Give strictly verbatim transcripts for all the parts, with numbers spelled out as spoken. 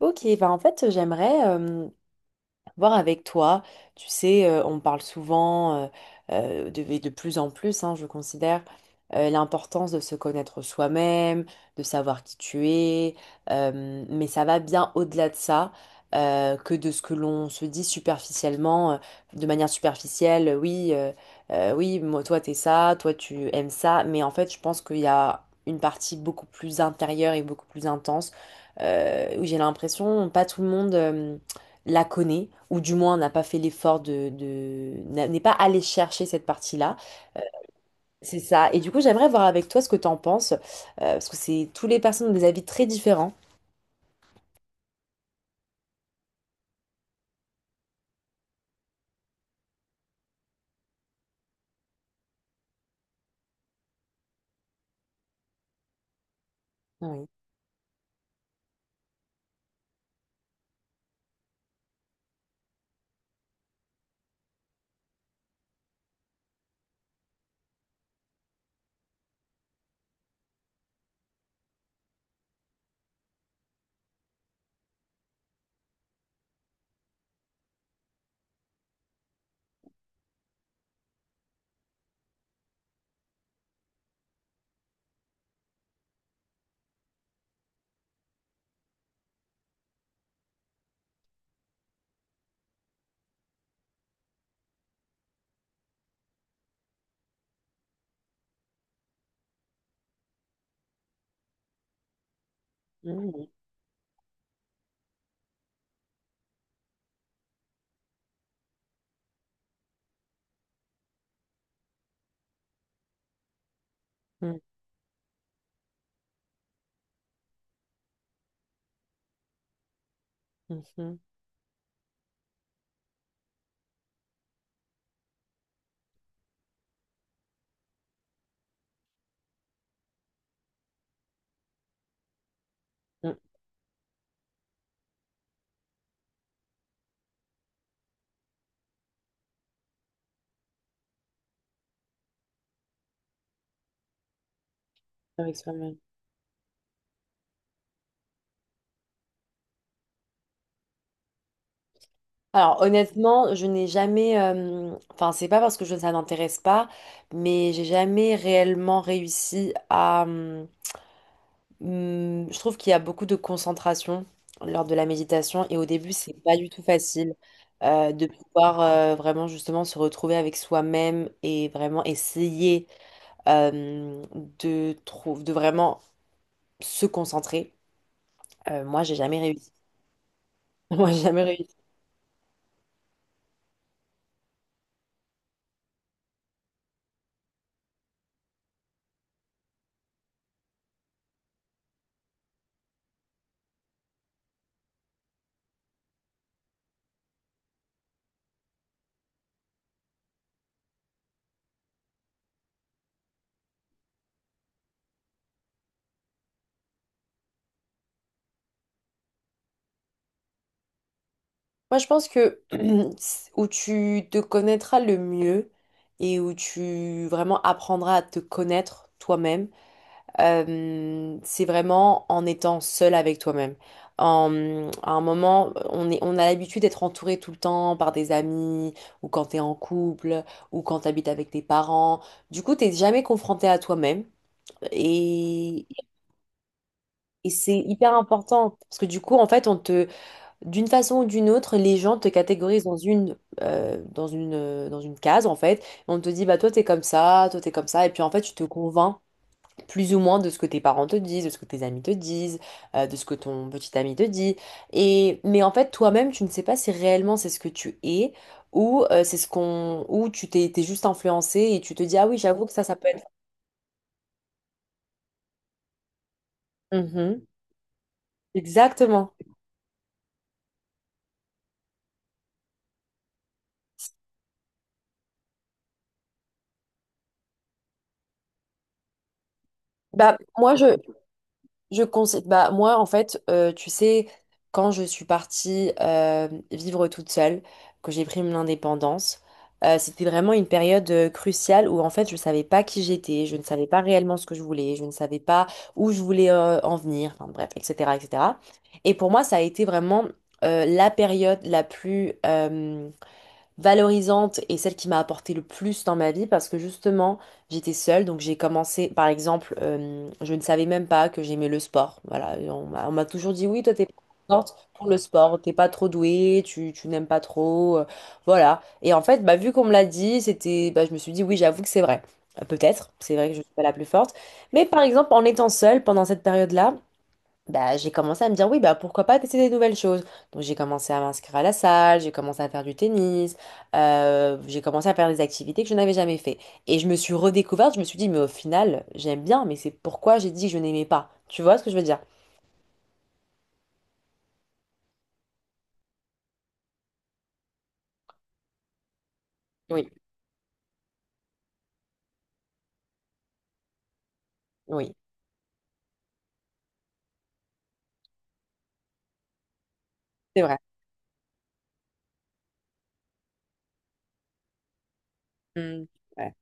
Ok, bah en fait, j'aimerais euh, voir avec toi. Tu sais, euh, on parle souvent, euh, euh, de, et de plus en plus, hein, je considère, euh, l'importance de se connaître soi-même, de savoir qui tu es, euh, mais ça va bien au-delà de ça, euh, que de ce que l'on se dit superficiellement, euh, de manière superficielle, euh, oui, euh, euh, oui, moi, toi t'es ça, toi tu aimes ça, mais en fait je pense qu'il y a une partie beaucoup plus intérieure et beaucoup plus intense, euh, où j'ai l'impression, pas tout le monde euh, la connaît, ou du moins n'a pas fait l'effort de, de- n'a- n'est pas allé chercher cette partie-là. C'est ça. Et du coup, j'aimerais voir avec toi ce que t'en penses, euh, parce que c'est tous les personnes ont des avis très différents. Ah oui. Mhm. Mhm. Mhm. Mhm. Avec soi-même. Alors honnêtement, je n'ai jamais, euh, enfin c'est pas parce que je, ça n'intéresse pas, mais j'ai jamais réellement réussi à, mmh, Hum, je trouve qu'il y a beaucoup de concentration lors de la méditation et au début, c'est pas du tout facile euh, de pouvoir euh, vraiment justement se retrouver avec soi-même et vraiment essayer euh, de, trou- de vraiment se concentrer. Euh, moi, j'ai jamais réussi. Moi, j'ai jamais réussi. Moi, je pense que c'est où tu te connaîtras le mieux et où tu vraiment apprendras à te connaître toi-même. Euh, c'est vraiment en étant seul avec toi-même. En, à un moment, on est, on a l'habitude d'être entouré tout le temps par des amis, ou quand t'es en couple, ou quand t'habites avec tes parents. Du coup, t'es jamais confronté à toi-même. Et, et c'est hyper important parce que du coup, en fait, on te, d'une façon ou d'une autre, les gens te catégorisent dans une, euh, dans une, euh, dans une case, en fait. On te dit, bah, toi, t'es comme ça, toi, t'es comme ça. Et puis, en fait, tu te convaincs plus ou moins de ce que tes parents te disent, de ce que tes amis te disent, euh, de ce que ton petit ami te dit. Et mais en fait, toi-même, tu ne sais pas si réellement c'est ce que tu es ou euh, c'est ce qu'on ou tu t'es t'es juste influencé et tu te dis ah oui, j'avoue que ça ça peut être. Mhm. Exactement. Bah moi je Je conseille, bah, moi, en fait, euh, tu sais, quand je suis partie euh, vivre toute seule, que j'ai pris mon indépendance, euh, c'était vraiment une période euh, cruciale où, en fait, je ne savais pas qui j'étais, je ne savais pas réellement ce que je voulais, je ne savais pas où je voulais euh, en venir, enfin, bref, et cetera, et cetera. Et cetera. Et pour moi, ça a été vraiment euh, la période la plus, euh, valorisante et celle qui m'a apporté le plus dans ma vie parce que justement, j'étais seule. Donc j'ai commencé, par exemple, euh, je ne savais même pas que j'aimais le sport. Voilà, et on m'a on m'a toujours dit, oui, toi, t'es pas forte pour le sport, t'es pas trop douée, tu, tu n'aimes pas trop. Euh, voilà. Et en fait, bah, vu qu'on me l'a dit, c'était, bah, je me suis dit, oui, j'avoue que c'est vrai. Euh, Peut-être, c'est vrai que je suis pas la plus forte. Mais par exemple, en étant seule pendant cette période-là, bah, j'ai commencé à me dire, oui, bah, pourquoi pas tester des nouvelles choses. Donc, j'ai commencé à m'inscrire à la salle, j'ai commencé à faire du tennis, euh, j'ai commencé à faire des activités que je n'avais jamais fait. Et je me suis redécouverte, je me suis dit, mais au final, j'aime bien, mais c'est pourquoi j'ai dit que je n'aimais pas. Tu vois ce que je veux dire? Oui, oui, c'est vrai. Mm, ouais,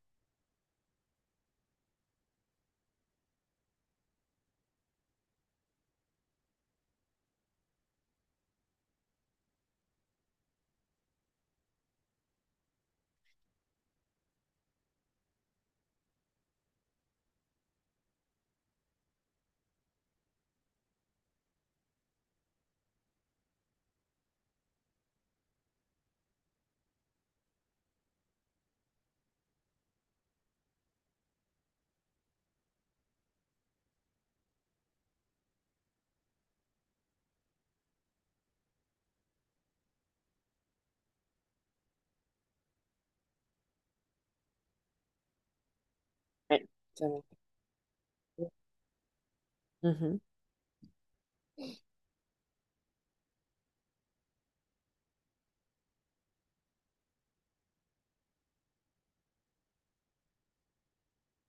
ouais, c'est vrai.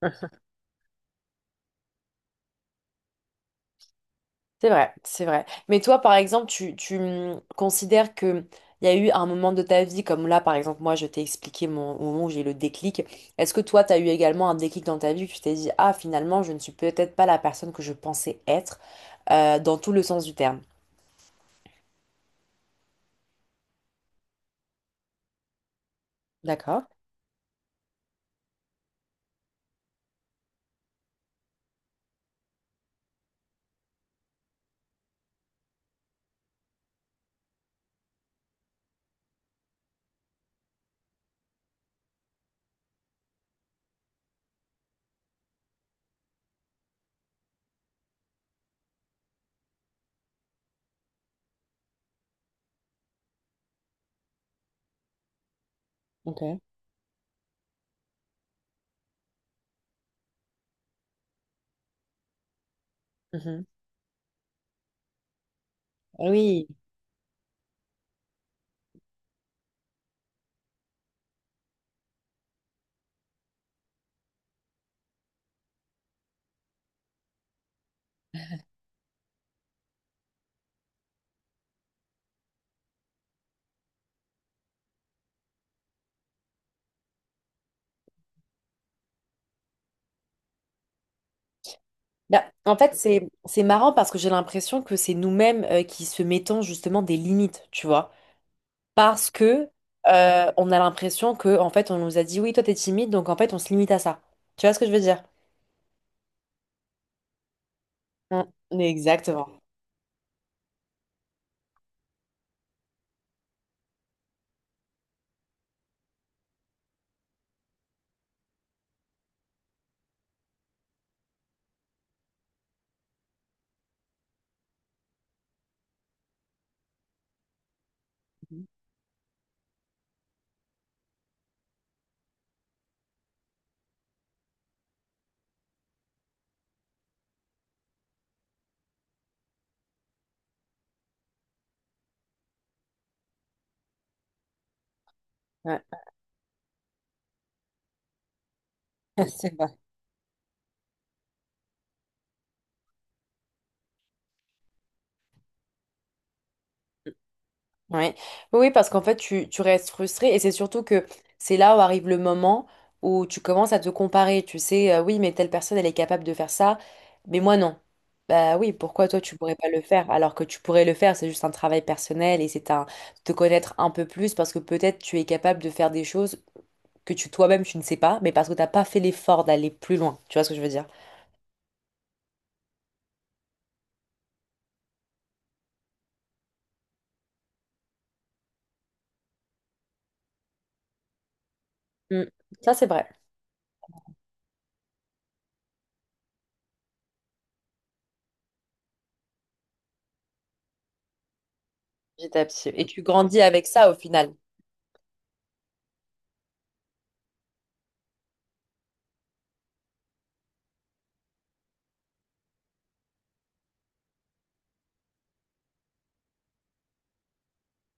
Mhm. C'est vrai, c'est vrai. Mais toi, par exemple, tu, tu hum, considères que il y a eu un moment de ta vie, comme là, par exemple, moi, je t'ai expliqué mon, au moment où j'ai eu le déclic. Est-ce que toi, tu as eu également un déclic dans ta vie que tu t'es dit, ah, finalement, je ne suis peut-être pas la personne que je pensais être, euh, dans tout le sens du terme. D'accord. Ok. Mhm. Ah oui. Bah, en fait, c'est c'est marrant parce que j'ai l'impression que c'est nous-mêmes euh, qui se mettons justement des limites, tu vois. Parce que euh, on a l'impression que en fait on nous a dit oui toi t'es timide donc en fait on se limite à ça. Tu vois ce que je veux dire? Mm, exactement. Ouais, c'est vrai. Ouais. Oui, oui, parce qu'en fait, tu, tu restes frustré et c'est surtout que c'est là où arrive le moment où tu commences à te comparer. Tu sais, euh, oui, mais telle personne, elle est capable de faire ça, mais moi, non. Bah oui, pourquoi toi, tu pourrais pas le faire alors que tu pourrais le faire? C'est juste un travail personnel et c'est un te connaître un peu plus parce que peut-être tu es capable de faire des choses que tu toi-même tu ne sais pas, mais parce que t'as pas fait l'effort d'aller plus loin. Tu vois ce que je veux dire? Mm. Ça, c'est vrai. J'étais abs- Et tu grandis avec ça au final.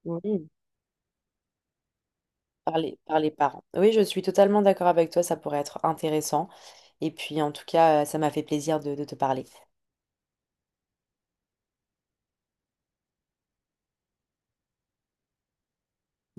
Oui. Par les, par les parents. Oui, je suis totalement d'accord avec toi, ça pourrait être intéressant. Et puis, en tout cas, euh, ça m'a fait plaisir de de te parler.